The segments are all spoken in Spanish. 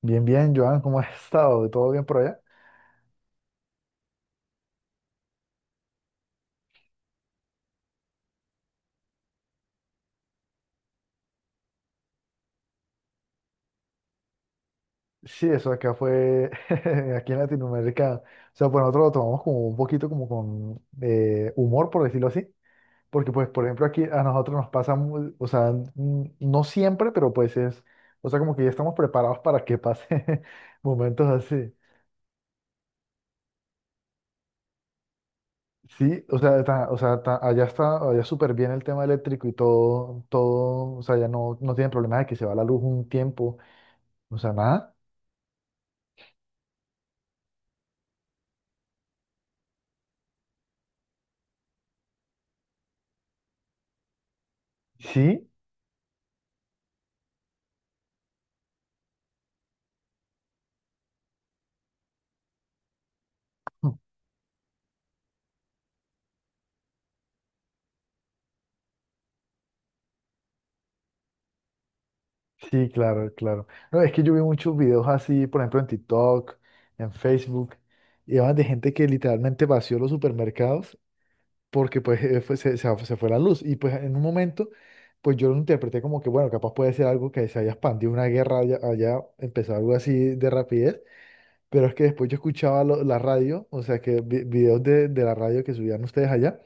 Bien, bien, Joan, ¿cómo has estado? ¿Todo bien por allá? Sí, eso acá fue, aquí en Latinoamérica, o sea, pues nosotros lo tomamos como un poquito como con humor, por decirlo así, porque pues, por ejemplo, aquí a nosotros nos pasa, no siempre, pero pues es, o sea, como que ya estamos preparados para que pase momentos así. Sí, o sea, allá está, allá súper bien el tema eléctrico y todo, todo, o sea, ya no, no tienen problema de que se va la luz un tiempo, o sea, nada, sí. Sí, claro, claro. No, es que yo vi muchos videos así, por ejemplo, en TikTok, en Facebook, y hablan de gente que literalmente vació los supermercados porque pues se fue la luz. Y pues en un momento, pues yo lo interpreté como que, bueno, capaz puede ser algo que se haya expandido una guerra allá, allá, empezó algo así de rapidez, pero es que después yo escuchaba la radio, o sea, que videos de la radio que subían ustedes allá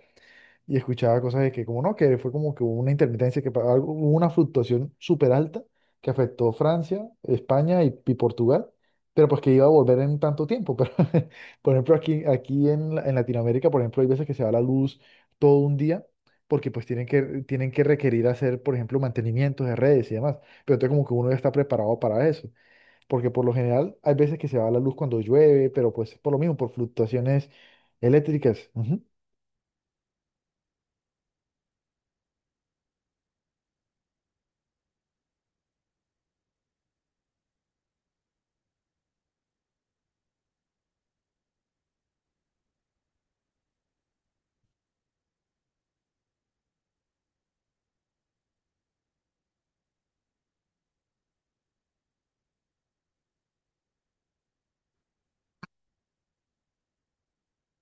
y escuchaba cosas de que, como no, que fue como que hubo una intermitencia, que hubo una fluctuación súper alta que afectó Francia, España y Portugal, pero pues que iba a volver en tanto tiempo. Pero, por ejemplo, aquí en Latinoamérica, por ejemplo, hay veces que se va la luz todo un día. Porque pues tienen que requerir hacer, por ejemplo, mantenimientos de redes y demás. Pero entonces como que uno ya está preparado para eso, porque por lo general hay veces que se va la luz cuando llueve, pero pues por lo mismo, por fluctuaciones eléctricas. Ujú,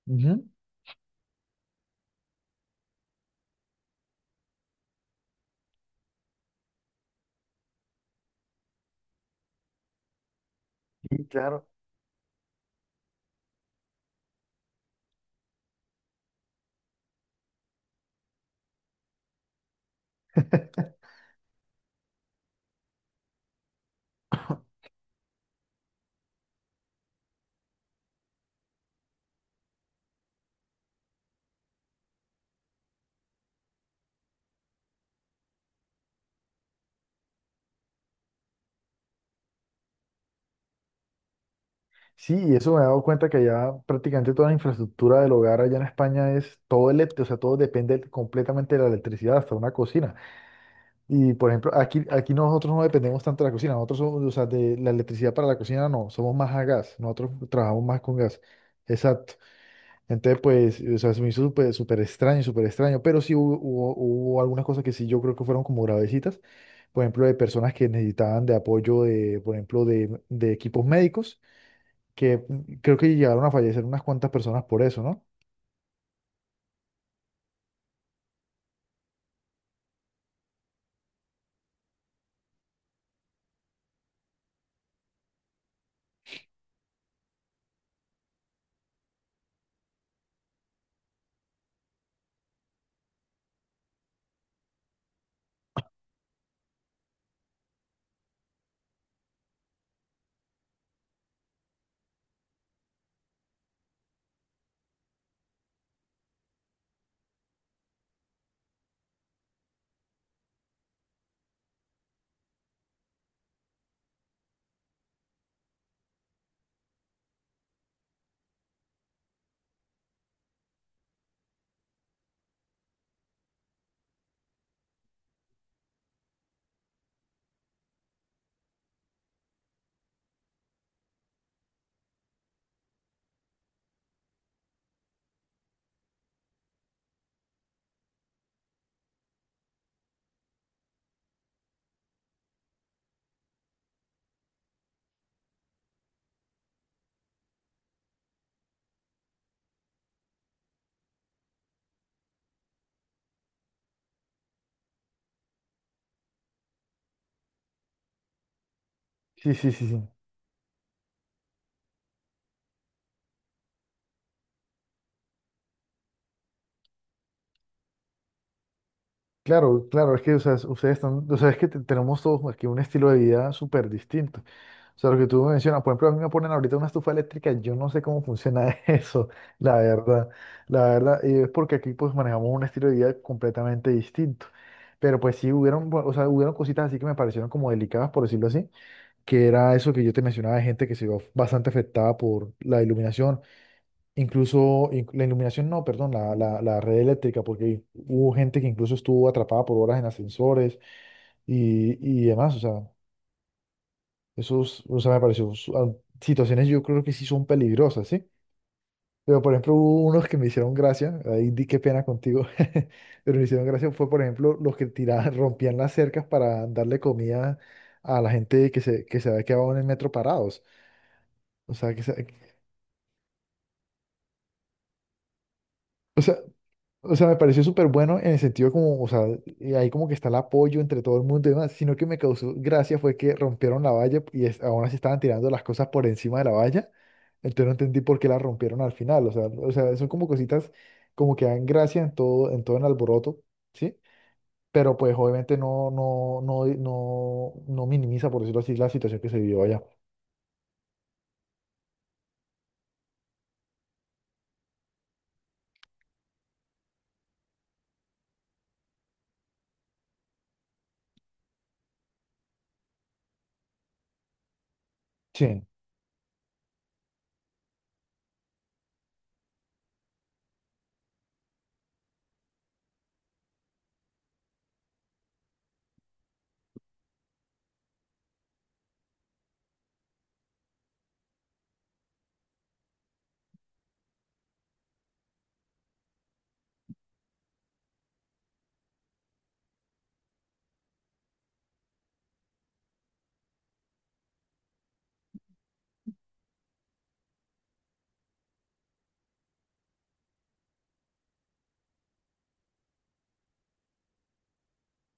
ujú. Sí, claro. Sí, y eso me he dado cuenta que ya prácticamente toda la infraestructura del hogar allá en España es todo eléctrico, o sea, todo depende completamente de la electricidad, hasta una cocina. Y por ejemplo, aquí nosotros no dependemos tanto de la cocina, nosotros somos, o sea, de la electricidad para la cocina no, somos más a gas, nosotros trabajamos más con gas. Exacto. Entonces, pues, o sea, se me hizo súper súper extraño, pero sí hubo algunas cosas que sí yo creo que fueron como gravecitas, por ejemplo, de personas que necesitaban de apoyo de, por ejemplo, de equipos médicos que creo que llegaron a fallecer unas cuantas personas por eso, ¿no? Sí, sí, sí, sí. Claro, claro, es que o sea, ustedes están, o sea, es que tenemos todos aquí un estilo de vida súper distinto. O sea, lo que tú mencionas, por ejemplo, a mí me ponen ahorita una estufa eléctrica, yo no sé cómo funciona eso, la verdad, la verdad, y es porque aquí pues manejamos un estilo de vida completamente distinto. Pero pues sí hubieron, o sea, hubieron cositas así que me parecieron como delicadas, por decirlo así, que era eso que yo te mencionaba de gente que se vio bastante afectada por la iluminación. Incluso la iluminación, no, perdón, la red eléctrica, porque hubo gente que incluso estuvo atrapada por horas en ascensores y, y demás, o sea, esos, o sea, me pareció, situaciones yo creo que sí son peligrosas, ¿sí? Pero por ejemplo, hubo unos que me hicieron gracia, ahí di qué pena contigo, pero me hicieron gracia fue, por ejemplo, los que tiraban, rompían las cercas para darle comida a la gente que se había quedado en el metro parados. O sea, que se- o sea, O sea, me pareció súper bueno en el sentido como, o sea, ahí como que está el apoyo entre todo el mundo y demás, sino que me causó gracia fue que rompieron la valla y aún así estaban tirando las cosas por encima de la valla, entonces no entendí por qué la rompieron al final, o sea, son como cositas como que dan gracia en todo el alboroto, ¿sí? Pero pues obviamente no minimiza, por decirlo así, la situación que se vivió allá. Sí,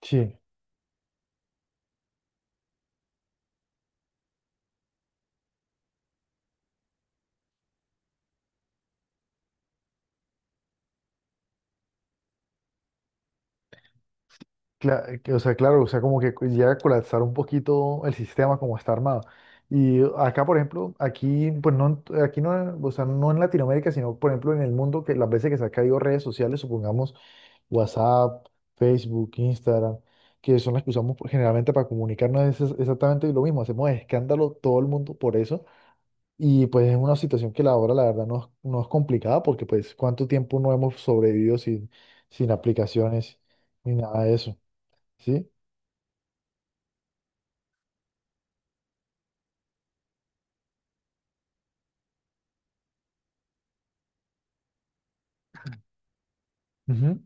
sí. Que, o sea, claro, o sea, como que llega a colapsar un poquito el sistema como está armado. Y acá, por ejemplo, aquí no, o sea, no en Latinoamérica, sino por ejemplo en el mundo, que las veces que se han caído redes sociales, supongamos WhatsApp, Facebook, Instagram, que son las que usamos pues, generalmente para comunicarnos, exactamente lo mismo. Hacemos escándalo todo el mundo por eso. Y pues es una situación que la hora, la verdad, no, no es complicada, porque pues cuánto tiempo no hemos sobrevivido sin aplicaciones ni nada de eso. ¿Sí? Ujú.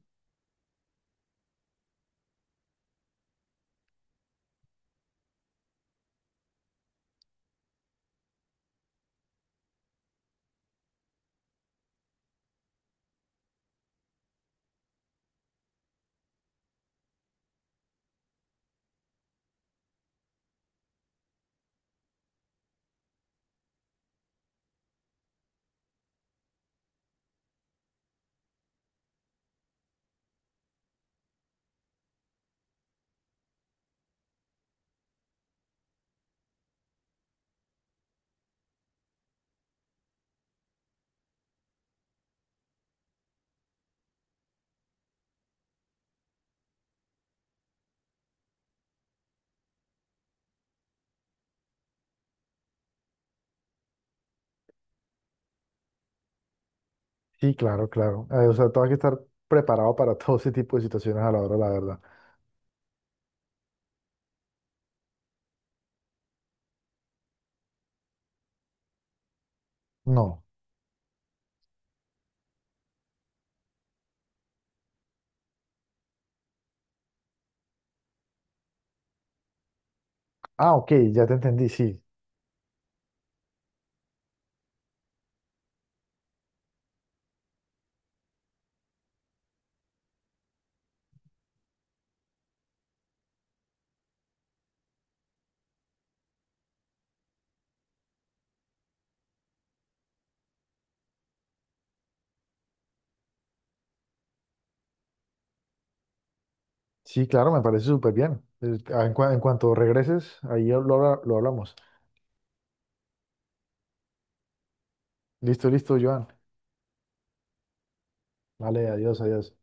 Sí, claro, claro. O sea, tú hay que estar preparado para todo ese tipo de situaciones a la hora, de la verdad. No. Ah, ok, ya te entendí, sí. Sí, claro, me parece súper bien. En cuanto regreses, ahí lo, lo hablamos. Listo, listo, Joan. Vale, adiós, adiós.